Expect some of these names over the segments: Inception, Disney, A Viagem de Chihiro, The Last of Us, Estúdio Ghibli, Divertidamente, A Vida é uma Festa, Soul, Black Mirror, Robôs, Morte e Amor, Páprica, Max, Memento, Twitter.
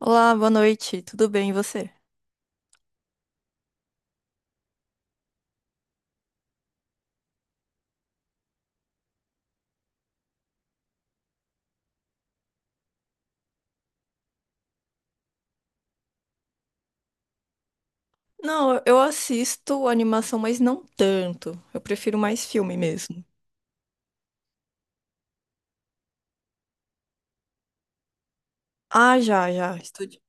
Olá, boa noite, tudo bem e você? Não, eu assisto animação, mas não tanto. Eu prefiro mais filme mesmo. Ah, já, já. Estúdio.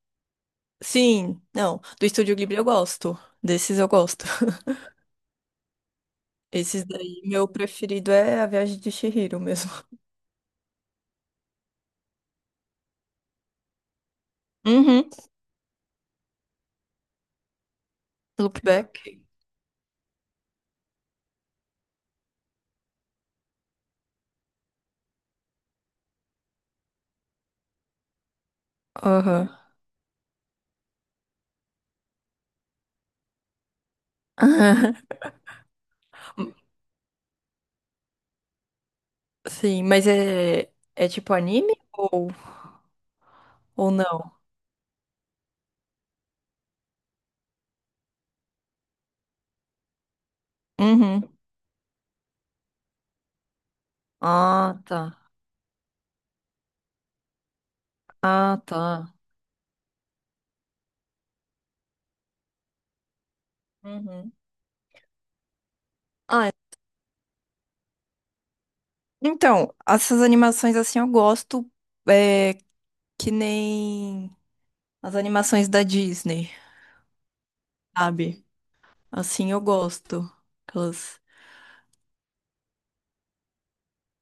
Sim, não. Do Estúdio Ghibli eu gosto. Desses eu gosto. Esses daí, meu preferido é A Viagem de Chihiro mesmo. Uhum. Loopback. Aham. Sim, mas é tipo anime ou, ou não? Uhum. Ah, tá. Ah, tá. Uhum. Ah, então, essas animações assim eu gosto, é, que nem as animações da Disney, sabe? Assim eu gosto. Aquelas...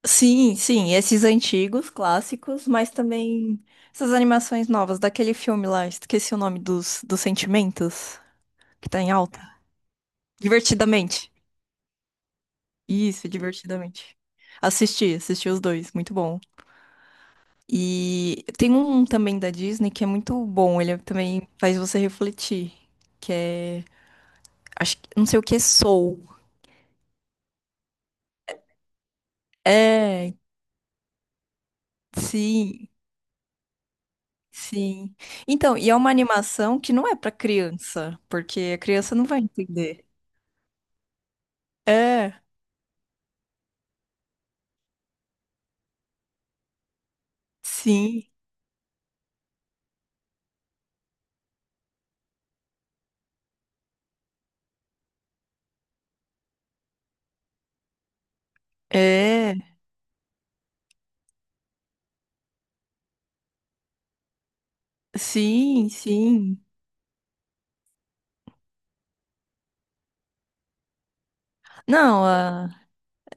Sim, sim, esses antigos, clássicos, mas também essas animações novas, daquele filme lá, esqueci o nome dos sentimentos, que tá em alta. Divertidamente. Isso, divertidamente. Assisti, assisti os dois, muito bom. E tem um também da Disney que é muito bom, ele é também faz você refletir, que é, acho que, não sei o que é Soul. É, sim, sim. Então, e é uma animação que não é pra criança, porque a criança não vai entender. É, sim. É, sim, sim. Não, a-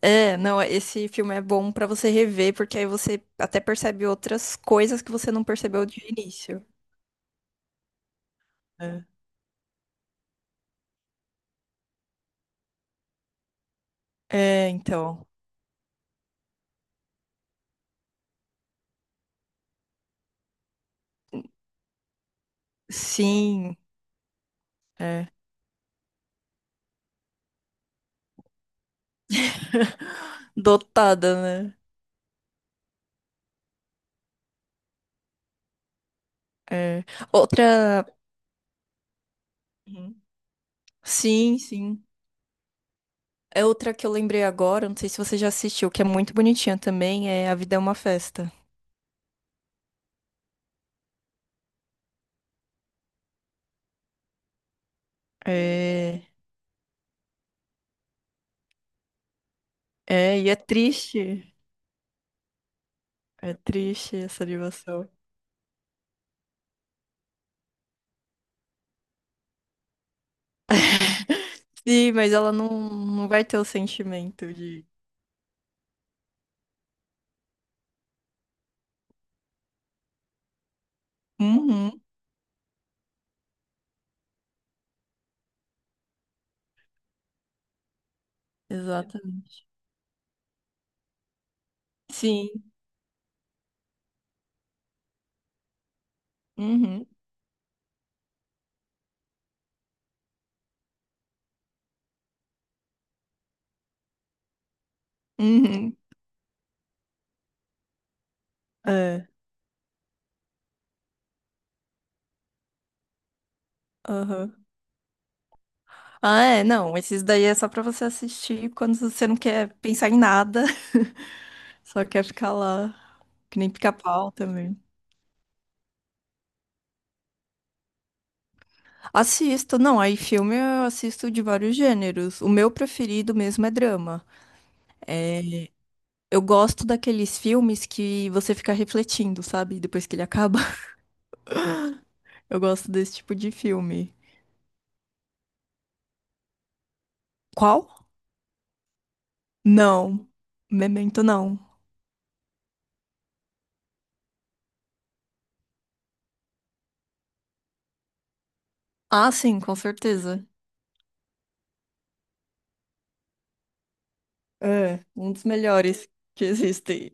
é, não, esse filme é bom pra você rever, porque aí você até percebe outras coisas que você não percebeu de início. É, é, então. Sim, é. Dotada, né? É. Outra. Uhum. Sim, sim. É outra que eu lembrei agora, não sei se você já assistiu, que é muito bonitinha também, é A Vida é uma Festa. É, é, e é triste. É triste essa animação. Sim, mas ela não, não vai ter o sentimento de. Uhum, exatamente. Sim. Uhum, uhum. É. Aham. Ah, é, não, esses daí é só pra você assistir quando você não quer pensar em nada. Só quer ficar lá. Que nem pica-pau também. Assisto, não, aí filme eu assisto de vários gêneros. O meu preferido mesmo é drama. É, eu gosto daqueles filmes que você fica refletindo, sabe? Depois que ele acaba. Eu gosto desse tipo de filme. Qual? Não. Memento não. Ah, sim, com certeza. É, um dos melhores que existem.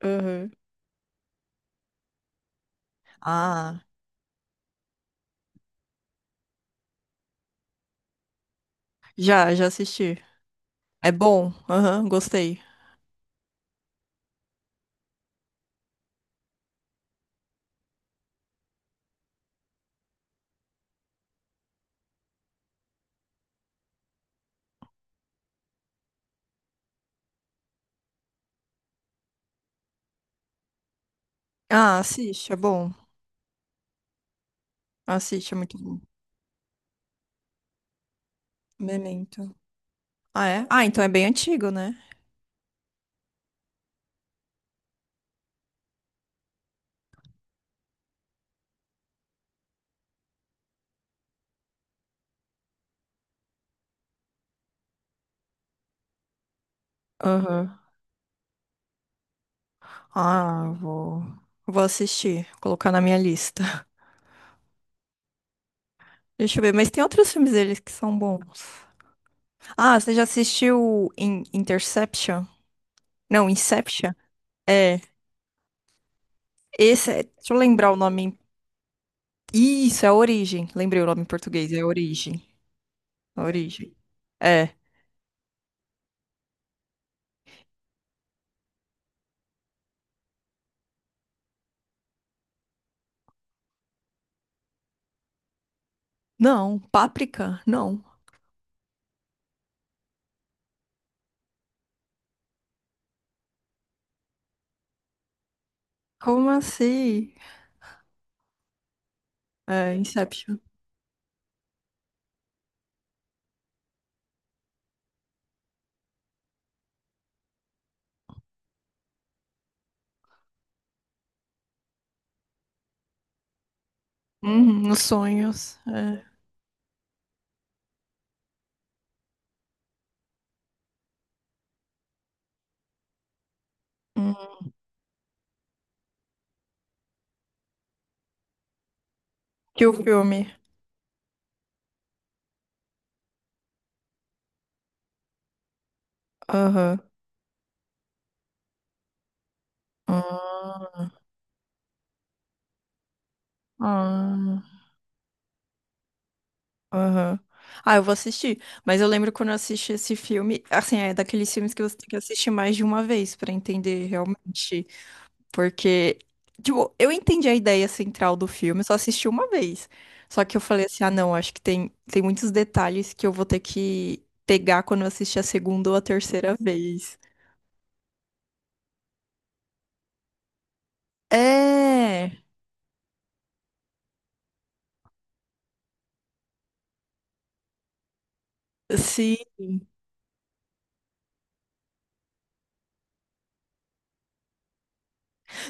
Aham. Ah, já, já assisti. É bom. Aham, gostei. Ah, assiste, é bom. Assiste, é muito bom. Memento. Ah, é? Ah, então é bem antigo, né? Aham. Ah, vou. Vou assistir, colocar na minha lista. Deixa eu ver, mas tem outros filmes deles que são bons. Ah, você já assistiu In Interception? Não, Inception? É. Esse é. Deixa eu lembrar o nome. Isso, é a Origem. Lembrei o nome em português, é Origem. A Origem. É. Não, Páprica? Não. Como assim? É, Inception. Uhum, nos sonhos. É. Uhum. Que o filme. Aham. Ah, ah, aham. Ah, eu vou assistir. Mas eu lembro quando eu assisti esse filme, assim, é daqueles filmes que você tem que assistir mais de uma vez pra entender realmente. Porque, tipo, eu entendi a ideia central do filme, eu só assisti uma vez. Só que eu falei assim, ah, não, acho que tem muitos detalhes que eu vou ter que pegar quando eu assistir a segunda ou a terceira vez. É, sim,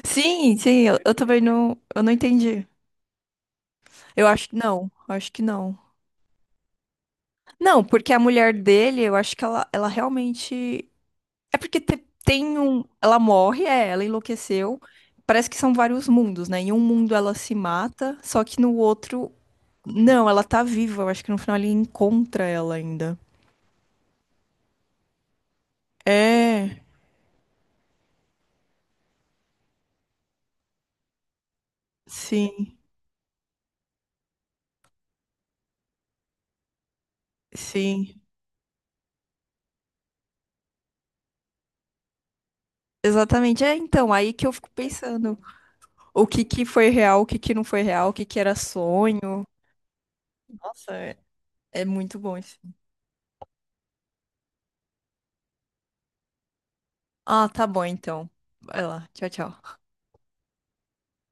sim, sim, eu também não, eu não entendi. Eu acho que não, acho que não. Não, porque a mulher dele, eu acho que ela realmente. É porque tem um. Ela morre, é, ela enlouqueceu. Parece que são vários mundos, né? Em um mundo ela se mata, só que no outro. Não, ela tá viva. Eu acho que no final ele encontra ela ainda. É, sim, sim. Exatamente. É, então, aí que eu fico pensando. O que que foi real, o que que não foi real, o que que era sonho. Nossa, é, é muito bom isso. Ah, tá bom, então. Vai lá. Tchau, tchau.